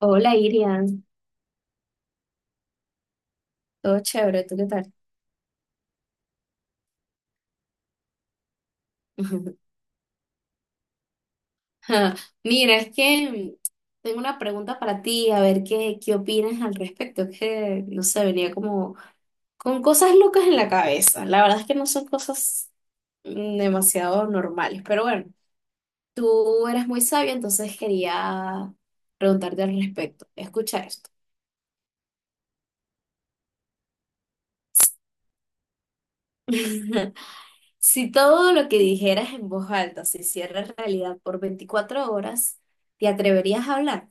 Hola, Irian. Todo chévere, ¿tú qué tal? Ah, mira, es que tengo una pregunta para ti, a ver qué opinas al respecto. Es que, no sé, venía como con cosas locas en la cabeza. La verdad es que no son cosas demasiado normales, pero bueno, tú eres muy sabia, entonces quería preguntarte al respecto. Escucha esto. Si todo lo que dijeras en voz alta se hiciera realidad por 24 horas, ¿te atreverías a hablar?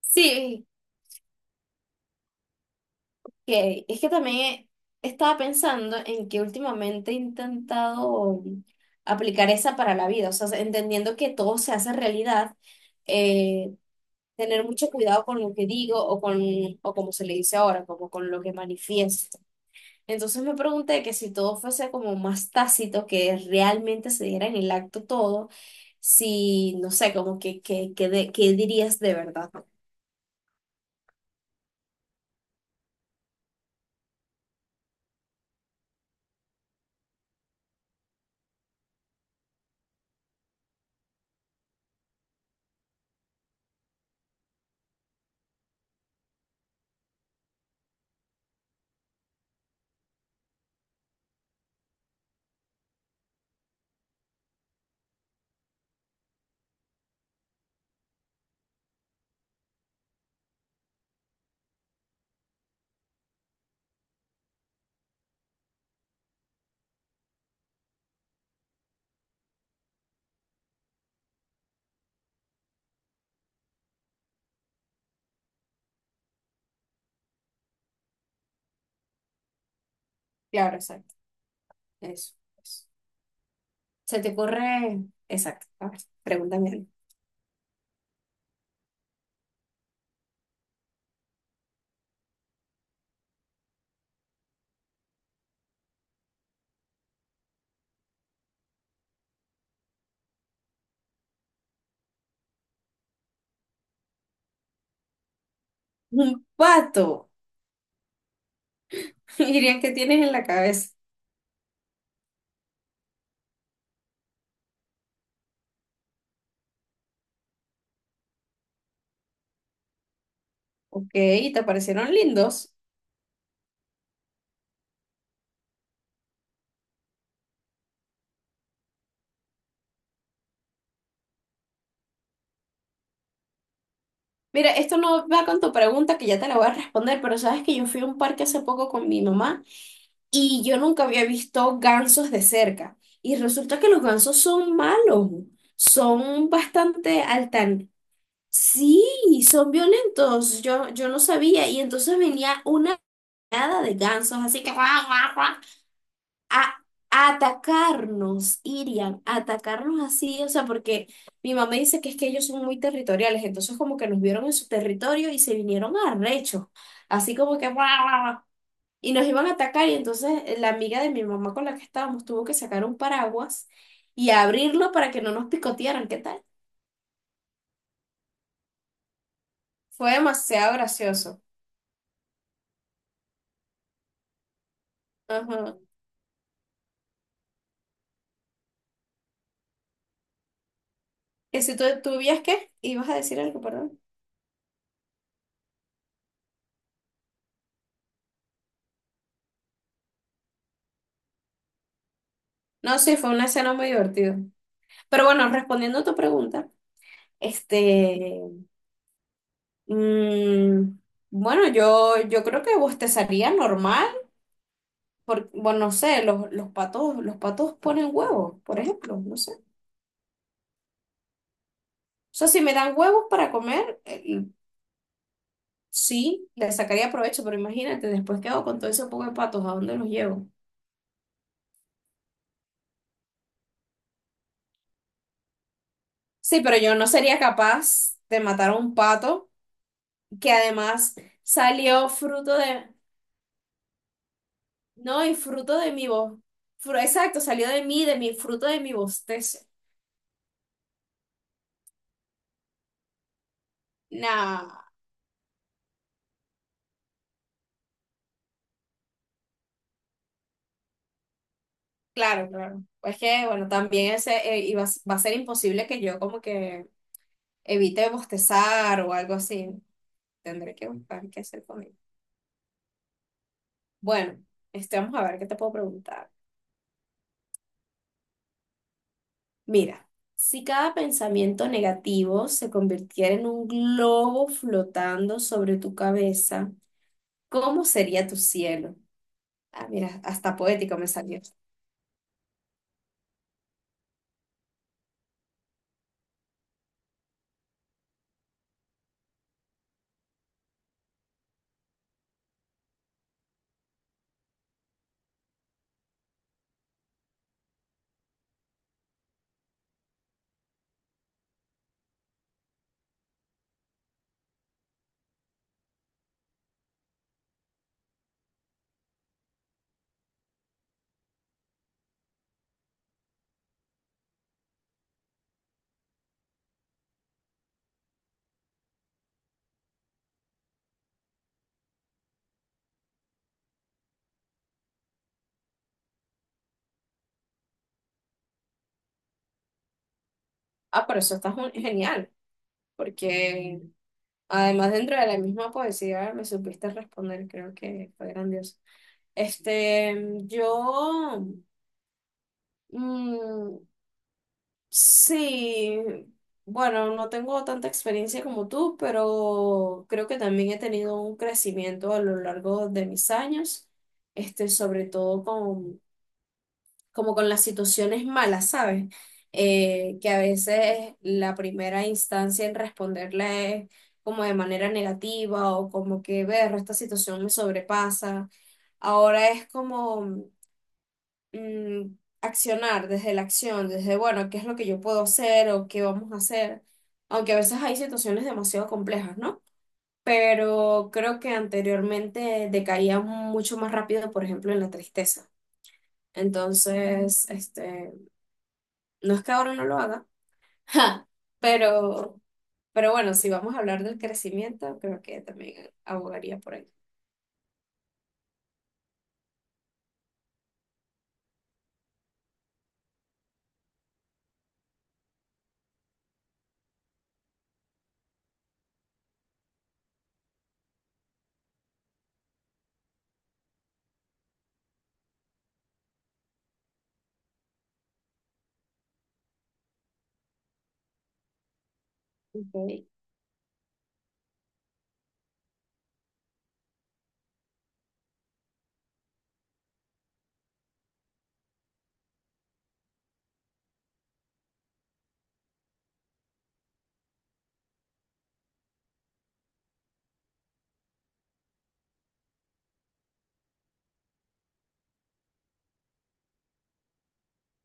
Sí. Que es que también estaba pensando en que últimamente he intentado aplicar esa para la vida, o sea, entendiendo que todo se hace realidad, eh, tener mucho cuidado con lo que digo o con, o como se le dice ahora, como con lo que manifiesto. Entonces me pregunté que si todo fuese como más tácito, que realmente se diera en el acto todo, si, no sé, como qué dirías de verdad. Claro, exacto, eso. Se te corre exacto. A ver, pregúntame algo. Un pato. Dirían que tienes en la cabeza. Ok, te aparecieron lindos. Mira, esto no va con tu pregunta que ya te la voy a responder, pero sabes que yo fui a un parque hace poco con mi mamá y yo nunca había visto gansos de cerca. Y resulta que los gansos son malos, son bastante altan. Sí, son violentos, yo no sabía. Y entonces venía una manada de gansos, así que, guau, guau, guau, a a atacarnos, irían a atacarnos así, o sea, porque mi mamá dice que es que ellos son muy territoriales, entonces como que nos vieron en su territorio y se vinieron arrechos, así como que "Guau, guau, guau", y nos iban a atacar y entonces la amiga de mi mamá con la que estábamos tuvo que sacar un paraguas y abrirlo para que no nos picotearan, ¿qué tal? Fue demasiado gracioso. Ajá. Que si tú vías qué, ibas a decir algo, perdón. No, sí, fue una escena muy divertida. Pero bueno, respondiendo a tu pregunta, este, mm, bueno, yo creo que bostezaría normal, porque, bueno, no sé, los patos ponen huevos, por ejemplo, no sé. O sea, si me dan huevos para comer, sí, le sacaría provecho, pero imagínate, después qué hago con todo ese poco de patos, ¿a dónde los llevo? Sí, pero yo no sería capaz de matar a un pato que además salió fruto de, no, y fruto de mi voz, exacto, salió de mí, de mi fruto de mi bostezo. No. Claro, claro. Pues que, bueno, también ese, y va a ser imposible que yo como que evite bostezar o algo así. Tendré que buscar qué hacer conmigo. Bueno, este, vamos a ver qué te puedo preguntar. Mira, si cada pensamiento negativo se convirtiera en un globo flotando sobre tu cabeza, ¿cómo sería tu cielo? Ah, mira, hasta poético me salió. Ah, pero eso está genial, porque además, dentro de la misma poesía me supiste responder, creo que fue grandioso. Este, yo, mm, sí, bueno, no tengo tanta experiencia como tú, pero creo que también he tenido un crecimiento a lo largo de mis años, este, sobre todo con como con las situaciones malas, ¿sabes? Que a veces la primera instancia en responderle es como de manera negativa o como que, ver, esta situación me sobrepasa. Ahora es como mm, accionar desde la acción, desde, bueno, ¿qué es lo que yo puedo hacer o qué vamos a hacer? Aunque a veces hay situaciones demasiado complejas, ¿no? Pero creo que anteriormente decaía mucho más rápido, por ejemplo, en la tristeza. Entonces, este, no es que ahora no lo haga, pero, pero bueno, si vamos a hablar del crecimiento, creo que también abogaría por ahí. Ok.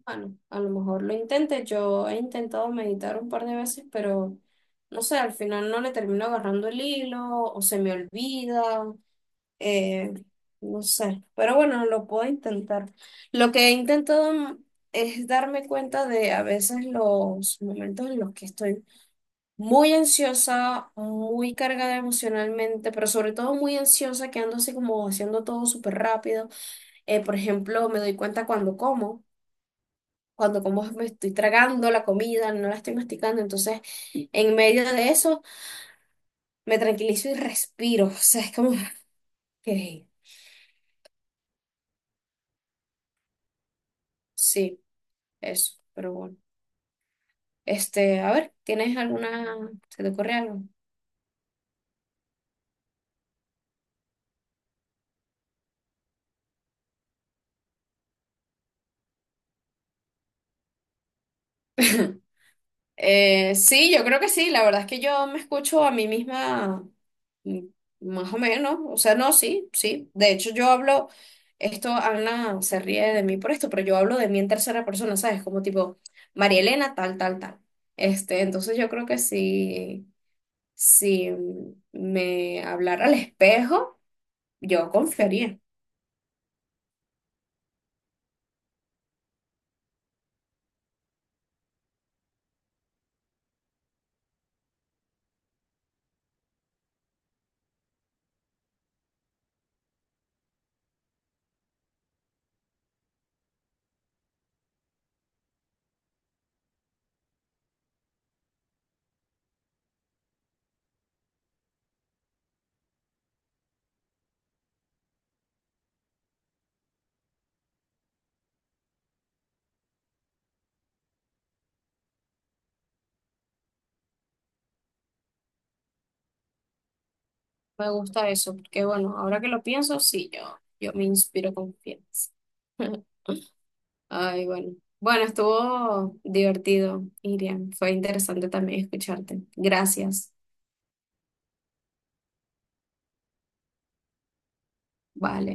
Bueno, a lo mejor lo intente. Yo he intentado meditar un par de veces, pero no sé, al final no le termino agarrando el hilo o se me olvida. eh, no sé, pero bueno, lo puedo intentar. Lo que he intentado es darme cuenta de a veces los momentos en los que estoy muy ansiosa, muy cargada emocionalmente, pero sobre todo muy ansiosa, que ando así como haciendo todo súper rápido. Por ejemplo, me doy cuenta cuando como me estoy tragando la comida, no la estoy masticando, entonces en medio de eso me tranquilizo y respiro, o sea, es como que sí, eso, pero bueno. Este, a ver, ¿tienes alguna, se te ocurre algo? Sí, yo creo que sí. La verdad es que yo me escucho a mí misma mm, más o menos. O sea, no, sí, sí. De hecho, yo hablo, esto Ana se ríe de mí por esto, pero yo hablo de mí en tercera persona, ¿sabes? Como tipo, María Elena, tal, tal, tal. Este, entonces yo creo que sí, si me hablara al espejo, yo confiaría. Me gusta eso, porque bueno, ahora que lo pienso, sí, yo me inspiro confianza. Ay, bueno. Bueno, estuvo divertido, Irian. Fue interesante también escucharte. Gracias. Vale.